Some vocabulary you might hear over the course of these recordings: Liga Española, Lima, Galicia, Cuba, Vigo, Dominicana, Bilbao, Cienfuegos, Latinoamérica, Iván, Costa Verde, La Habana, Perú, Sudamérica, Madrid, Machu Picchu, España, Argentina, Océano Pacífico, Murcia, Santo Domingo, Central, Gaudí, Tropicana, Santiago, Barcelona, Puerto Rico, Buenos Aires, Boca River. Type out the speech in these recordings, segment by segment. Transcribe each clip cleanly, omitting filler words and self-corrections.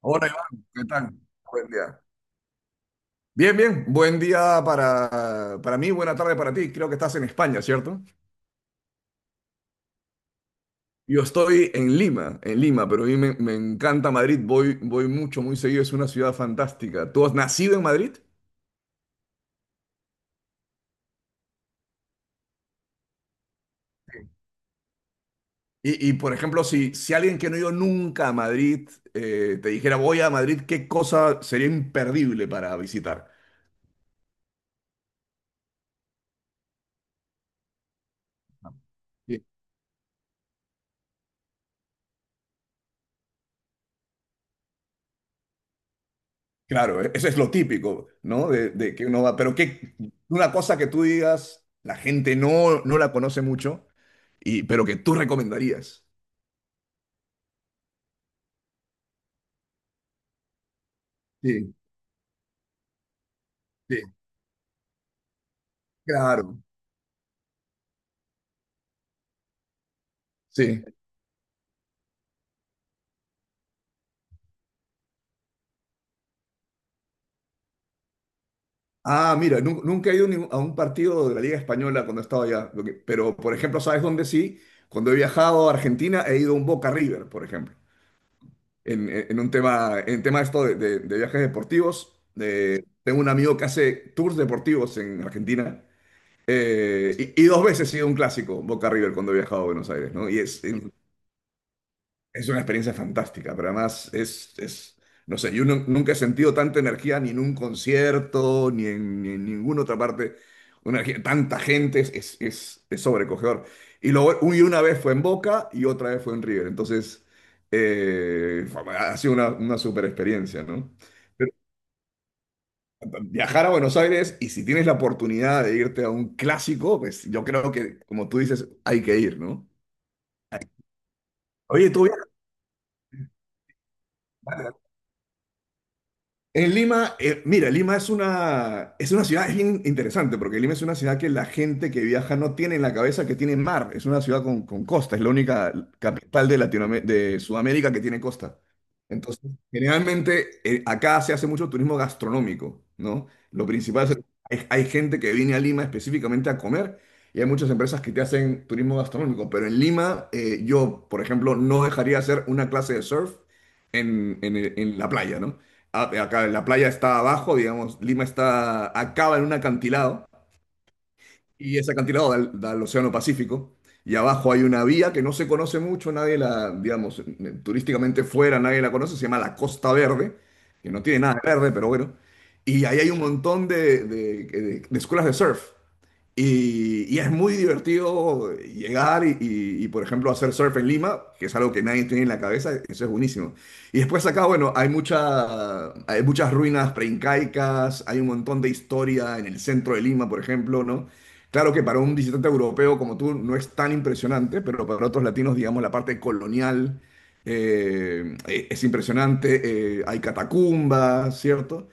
Hola Iván, ¿qué tal? Buen día. Bien, bien. Buen día para mí, buena tarde para ti. Creo que estás en España, ¿cierto? Yo estoy en Lima, pero a mí me encanta Madrid. Voy mucho, muy seguido. Es una ciudad fantástica. ¿Tú has nacido en Madrid? Sí. Por ejemplo, si alguien que no ha ido nunca a Madrid te dijera voy a Madrid, ¿qué cosa sería imperdible para visitar? Claro, eso es lo típico, ¿no? De que uno va, pero que una cosa que tú digas, la gente no la conoce mucho, y, pero que tú recomendarías. Sí, sí, claro, sí. Ah, mira, nunca he ido a un partido de la Liga Española cuando he estado allá, pero por ejemplo, ¿sabes dónde sí? Cuando he viajado a Argentina he ido a un Boca River, por ejemplo, en un tema, en tema esto de viajes deportivos. Tengo un amigo que hace tours deportivos en Argentina. Y dos veces he sido un clásico, Boca River, cuando he viajado a Buenos Aires, ¿no? Y es una experiencia fantástica, pero además es, no sé, yo nunca he sentido tanta energía ni en un concierto, ni en ninguna otra parte, tanta gente, es sobrecogedor. Y luego una vez fue en Boca y otra vez fue en River, entonces eh, ha sido una super experiencia, ¿no? Viajar a Buenos Aires y si tienes la oportunidad de irte a un clásico, pues yo creo que, como tú dices, hay que ir, ¿no? Oye, tú viajas. En Lima, mira, Lima es una ciudad, es bien interesante, porque Lima es una ciudad que la gente que viaja no tiene en la cabeza que tiene mar, es una ciudad con costa, es la única capital de Latinoamérica, de Sudamérica que tiene costa. Entonces, generalmente acá se hace mucho turismo gastronómico, ¿no? Lo principal es, hay gente que viene a Lima específicamente a comer y hay muchas empresas que te hacen turismo gastronómico, pero en Lima yo, por ejemplo, no dejaría hacer una clase de surf en la playa, ¿no? Acá la playa está abajo, digamos, Lima acaba en un acantilado y ese acantilado da al Océano Pacífico y abajo hay una vía que no se conoce mucho, nadie la, digamos, turísticamente fuera, nadie la conoce, se llama la Costa Verde, que no tiene nada de verde, pero bueno, y ahí hay un montón de escuelas de surf. Y es muy divertido llegar y, por ejemplo, hacer surf en Lima, que es algo que nadie tiene en la cabeza, eso es buenísimo. Y después acá, bueno, hay muchas ruinas preincaicas, hay un montón de historia en el centro de Lima, por ejemplo, ¿no? Claro que para un visitante europeo como tú no es tan impresionante, pero para otros latinos, digamos, la parte colonial es impresionante, hay catacumbas, ¿cierto?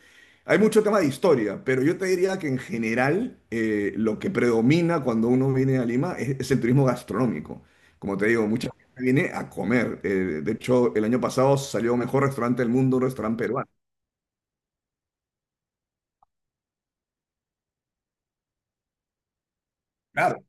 Hay mucho tema de historia, pero yo te diría que en general lo que predomina cuando uno viene a Lima es el turismo gastronómico. Como te digo, mucha gente viene a comer. De hecho, el año pasado salió mejor restaurante del mundo, un restaurante peruano. Claro.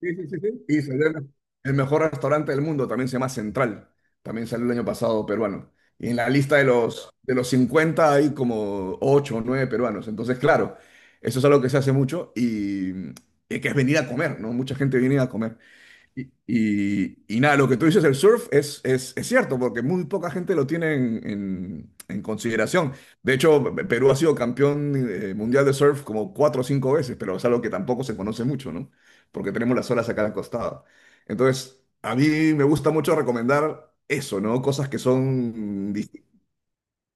Sí, sí, sí, sí. Y salió el mejor restaurante del mundo, también se llama Central, también salió el año pasado peruano. Y en la lista de los 50 hay como 8 o nueve peruanos. Entonces, claro, eso es algo que se hace mucho y que es venir a comer, ¿no? Mucha gente viene a comer. Y nada, lo que tú dices del surf es cierto, porque muy poca gente lo tiene en consideración. De hecho, Perú ha sido campeón mundial de surf como cuatro o cinco veces, pero es algo que tampoco se conoce mucho, ¿no? Porque tenemos las olas acá al costado. Entonces, a mí me gusta mucho recomendar eso, ¿no? Cosas que son distintas.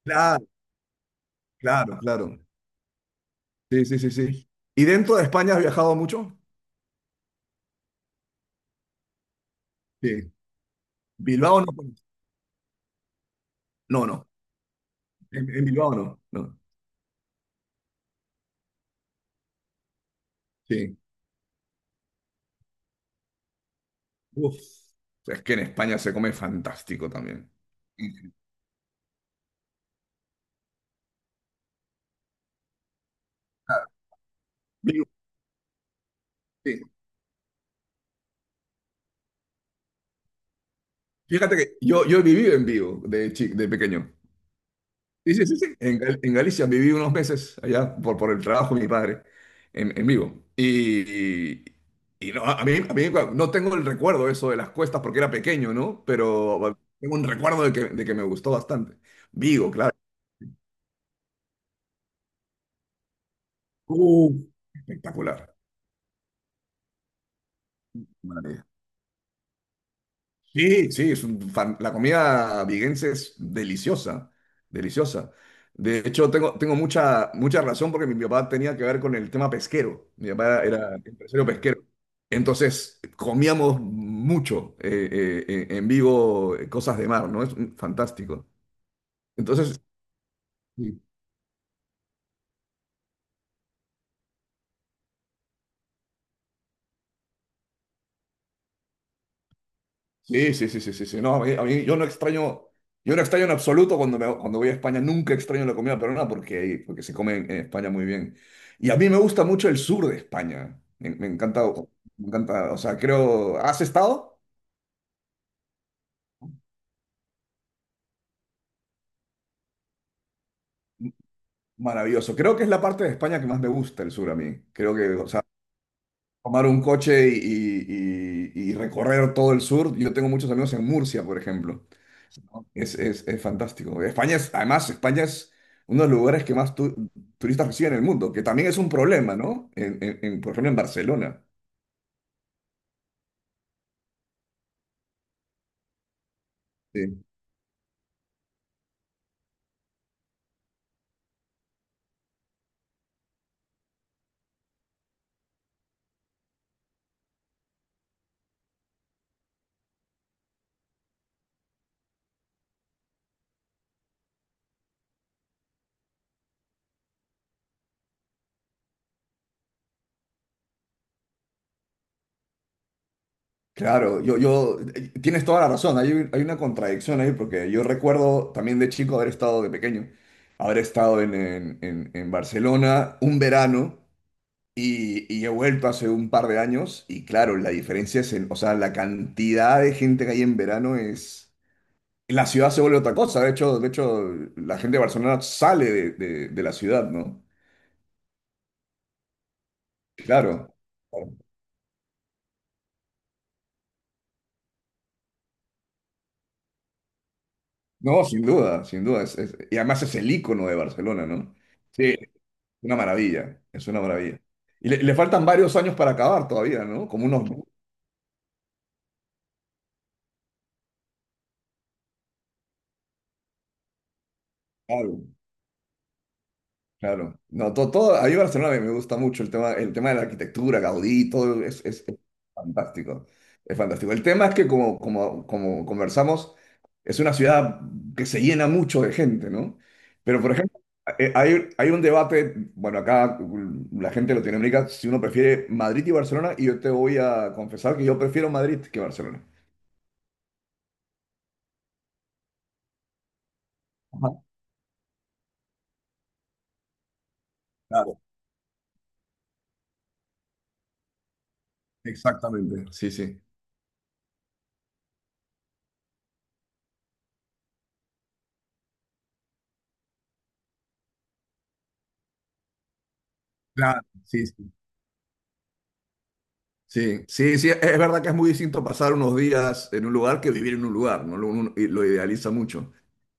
Claro, claro, claro. Sí, sí, sí, sí. ¿Y dentro de España has viajado mucho? Sí. Bilbao no. No, no. En Bilbao no. No. Sí. Uf, es que en España se come fantástico también. Y, claro, Vigo, sí. Fíjate que yo he vivido en Vigo de pequeño. Sí, sí, sí, sí. En Galicia viví unos meses allá por el trabajo de mi padre en Vigo. Y no, a mí no tengo el recuerdo eso de las cuestas porque era pequeño, ¿no? Pero bueno, tengo un recuerdo de que me gustó bastante. Vigo, claro. Uh, Espectacular. Sí, sí, la comida viguense es deliciosa, deliciosa. De hecho, tengo mucha, mucha razón porque mi papá tenía que ver con el tema pesquero. Mi papá era empresario pesquero. Entonces, comíamos mucho en vivo cosas de mar, ¿no? Es fantástico. Entonces, sí, sí, sí, sí, sí, sí. No, yo no extraño en absoluto cuando voy a España, nunca extraño la comida peruana porque se come en España muy bien. Y a mí me gusta mucho el sur de España. Me encanta, me encanta, o sea, creo, ¿has estado? Maravilloso. Creo que es la parte de España que más me gusta el sur a mí. Creo que, o tomar un coche y, y recorrer todo el sur. Yo tengo muchos amigos en Murcia, por ejemplo. ¿No? Es fantástico. España es, además, España es uno de los lugares que más turistas reciben en el mundo, que también es un problema, ¿no? En, por ejemplo, en Barcelona. Sí. Claro, tienes toda la razón, hay una contradicción ahí, porque yo recuerdo también de chico haber estado, de pequeño, haber estado en, en Barcelona un verano. Y he vuelto hace un par de años y claro, la diferencia es, en, o sea, la cantidad de gente que hay en verano es... La ciudad se vuelve otra cosa, de hecho, la gente de Barcelona sale de la ciudad, ¿no? Claro. No, sin duda, sin duda. Y además es el icono de Barcelona, ¿no? Sí, es una maravilla, es una maravilla. Y le faltan varios años para acabar todavía, ¿no? Como unos... Claro. Claro, no, todo, a mí Barcelona me gusta mucho el tema de la arquitectura, Gaudí, todo es fantástico, es fantástico. El tema es que como conversamos, es una ciudad que se llena mucho de gente, ¿no? Pero por ejemplo, hay un debate, bueno, acá la gente de Latinoamérica, si uno prefiere Madrid y Barcelona, y yo te voy a confesar que yo prefiero Madrid que Barcelona. Ajá. Claro, exactamente, sí, sí. Claro, sí, sí. Sí, sí, sí, es verdad que es muy distinto pasar unos días en un lugar que vivir en un lugar, ¿no? Uno y lo idealiza mucho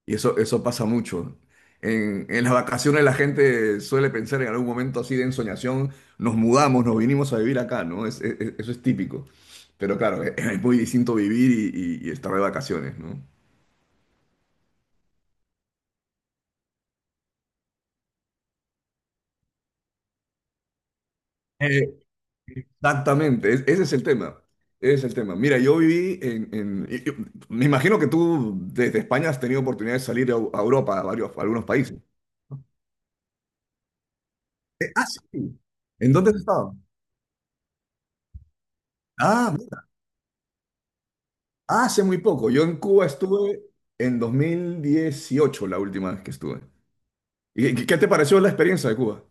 y eso pasa mucho. En las vacaciones la gente suele pensar en algún momento así de ensoñación, nos mudamos, nos vinimos a vivir acá, ¿no? Eso es típico. Pero claro, es muy distinto vivir y, y estar de vacaciones, ¿no? Exactamente, ese es el tema. Ese es el tema. Mira, yo viví en, me imagino que tú desde España has tenido oportunidad de salir a Europa, a algunos países. ¿No? Eh, ah, sí. ¿En dónde has estado? Ah, mira, hace muy poco. Yo en Cuba estuve en 2018, la última vez que estuve. ¿Y qué te pareció la experiencia de Cuba?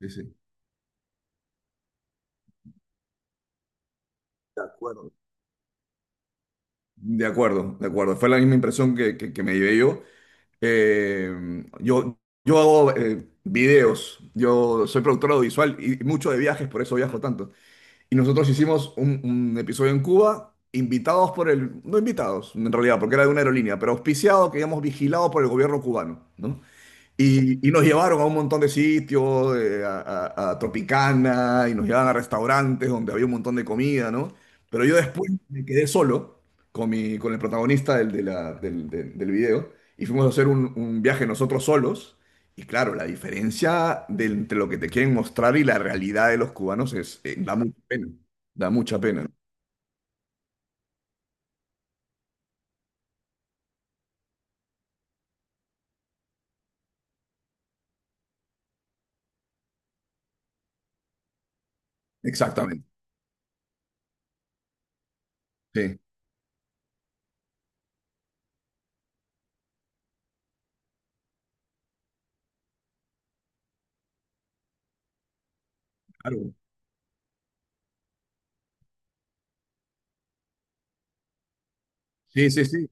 Sí, sí. De acuerdo. De acuerdo, de acuerdo. Fue la misma impresión que me llevé yo. Eh, yo, yo hago videos, yo soy productor audiovisual y mucho de viajes, por eso viajo tanto. Y nosotros hicimos un episodio en Cuba, invitados por el, no invitados en realidad, porque era de una aerolínea, pero auspiciado, que digamos, vigilado por el gobierno cubano, ¿no? Y nos llevaron a un montón de sitios, a Tropicana, y nos llevaban a restaurantes donde había un montón de comida, ¿no? Pero yo después me quedé solo con el protagonista del, de la- del, del- del video y fuimos a hacer un viaje nosotros solos. Y claro, la diferencia de entre lo que te quieren mostrar y la realidad de los cubanos da mucha pena, da mucha pena. ¿No? Exactamente. Sí, claro. Sí, sí, sí.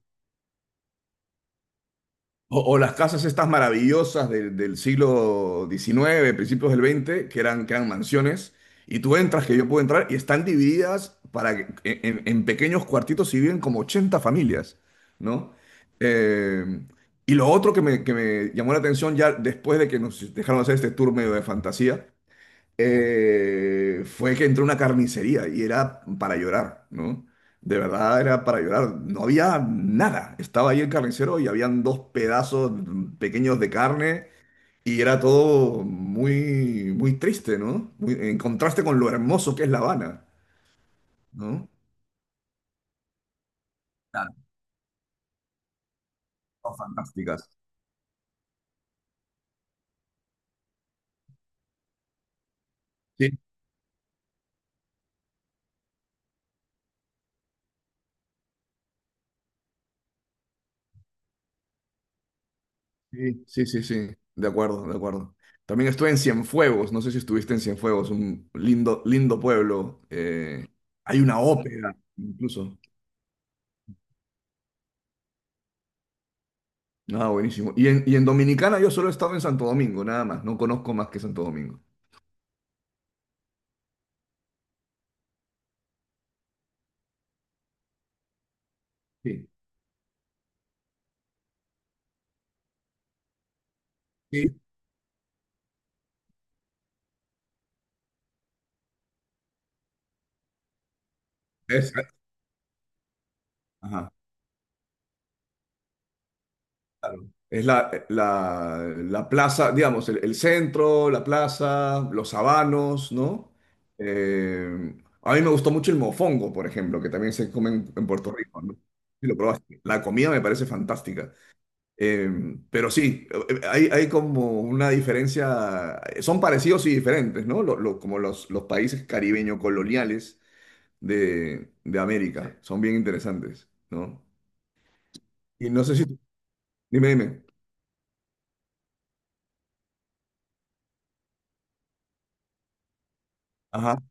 O las casas estas maravillosas del siglo XIX principios del veinte que eran mansiones, y tú entras, que yo puedo entrar, y están divididas en pequeños cuartitos y viven como 80 familias, ¿no? Eh, y lo otro que me llamó la atención ya después de que nos dejaron hacer este tour medio de fantasía, fue que entré a una carnicería y era para llorar, ¿no? De verdad era para llorar. No había nada. Estaba ahí el carnicero y habían dos pedazos pequeños de carne y era todo muy, muy triste, ¿no? En contraste con lo hermoso que es La Habana, ¿no? Claro, son fantásticas. Sí, sí, sí, sí, sí. De acuerdo, de acuerdo. También estuve en Cienfuegos, no sé si estuviste en Cienfuegos, un lindo, lindo pueblo. Hay una ópera, incluso. Ah, buenísimo. Y en Dominicana yo solo he estado en Santo Domingo, nada más. No conozco más que Santo Domingo. Sí, sí. Es, ajá, claro. Es la plaza, digamos, el centro, la plaza, los sabanos, ¿no? Eh, a mí me gustó mucho el mofongo, por ejemplo, que también se come en Puerto Rico, ¿no? Sí, lo probaste. La comida me parece fantástica. Eh, pero sí, hay como una diferencia, son parecidos y diferentes, ¿no? Como los países caribeño coloniales de Sí. América, son bien interesantes, ¿no? Y no sé si... Dime, dime. Ajá.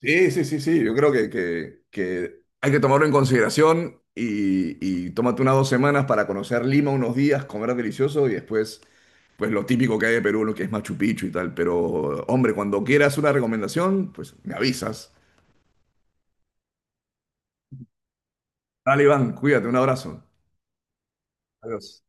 Sí, sí, sí, sí, yo creo que hay que tomarlo en consideración y tómate unas 2 semanas para conocer Lima unos días, comer delicioso y después, pues lo típico que hay de Perú, lo que es Machu Picchu y tal, pero hombre, cuando quieras una recomendación, pues me avisas. Dale, Iván, cuídate, un abrazo. Adiós.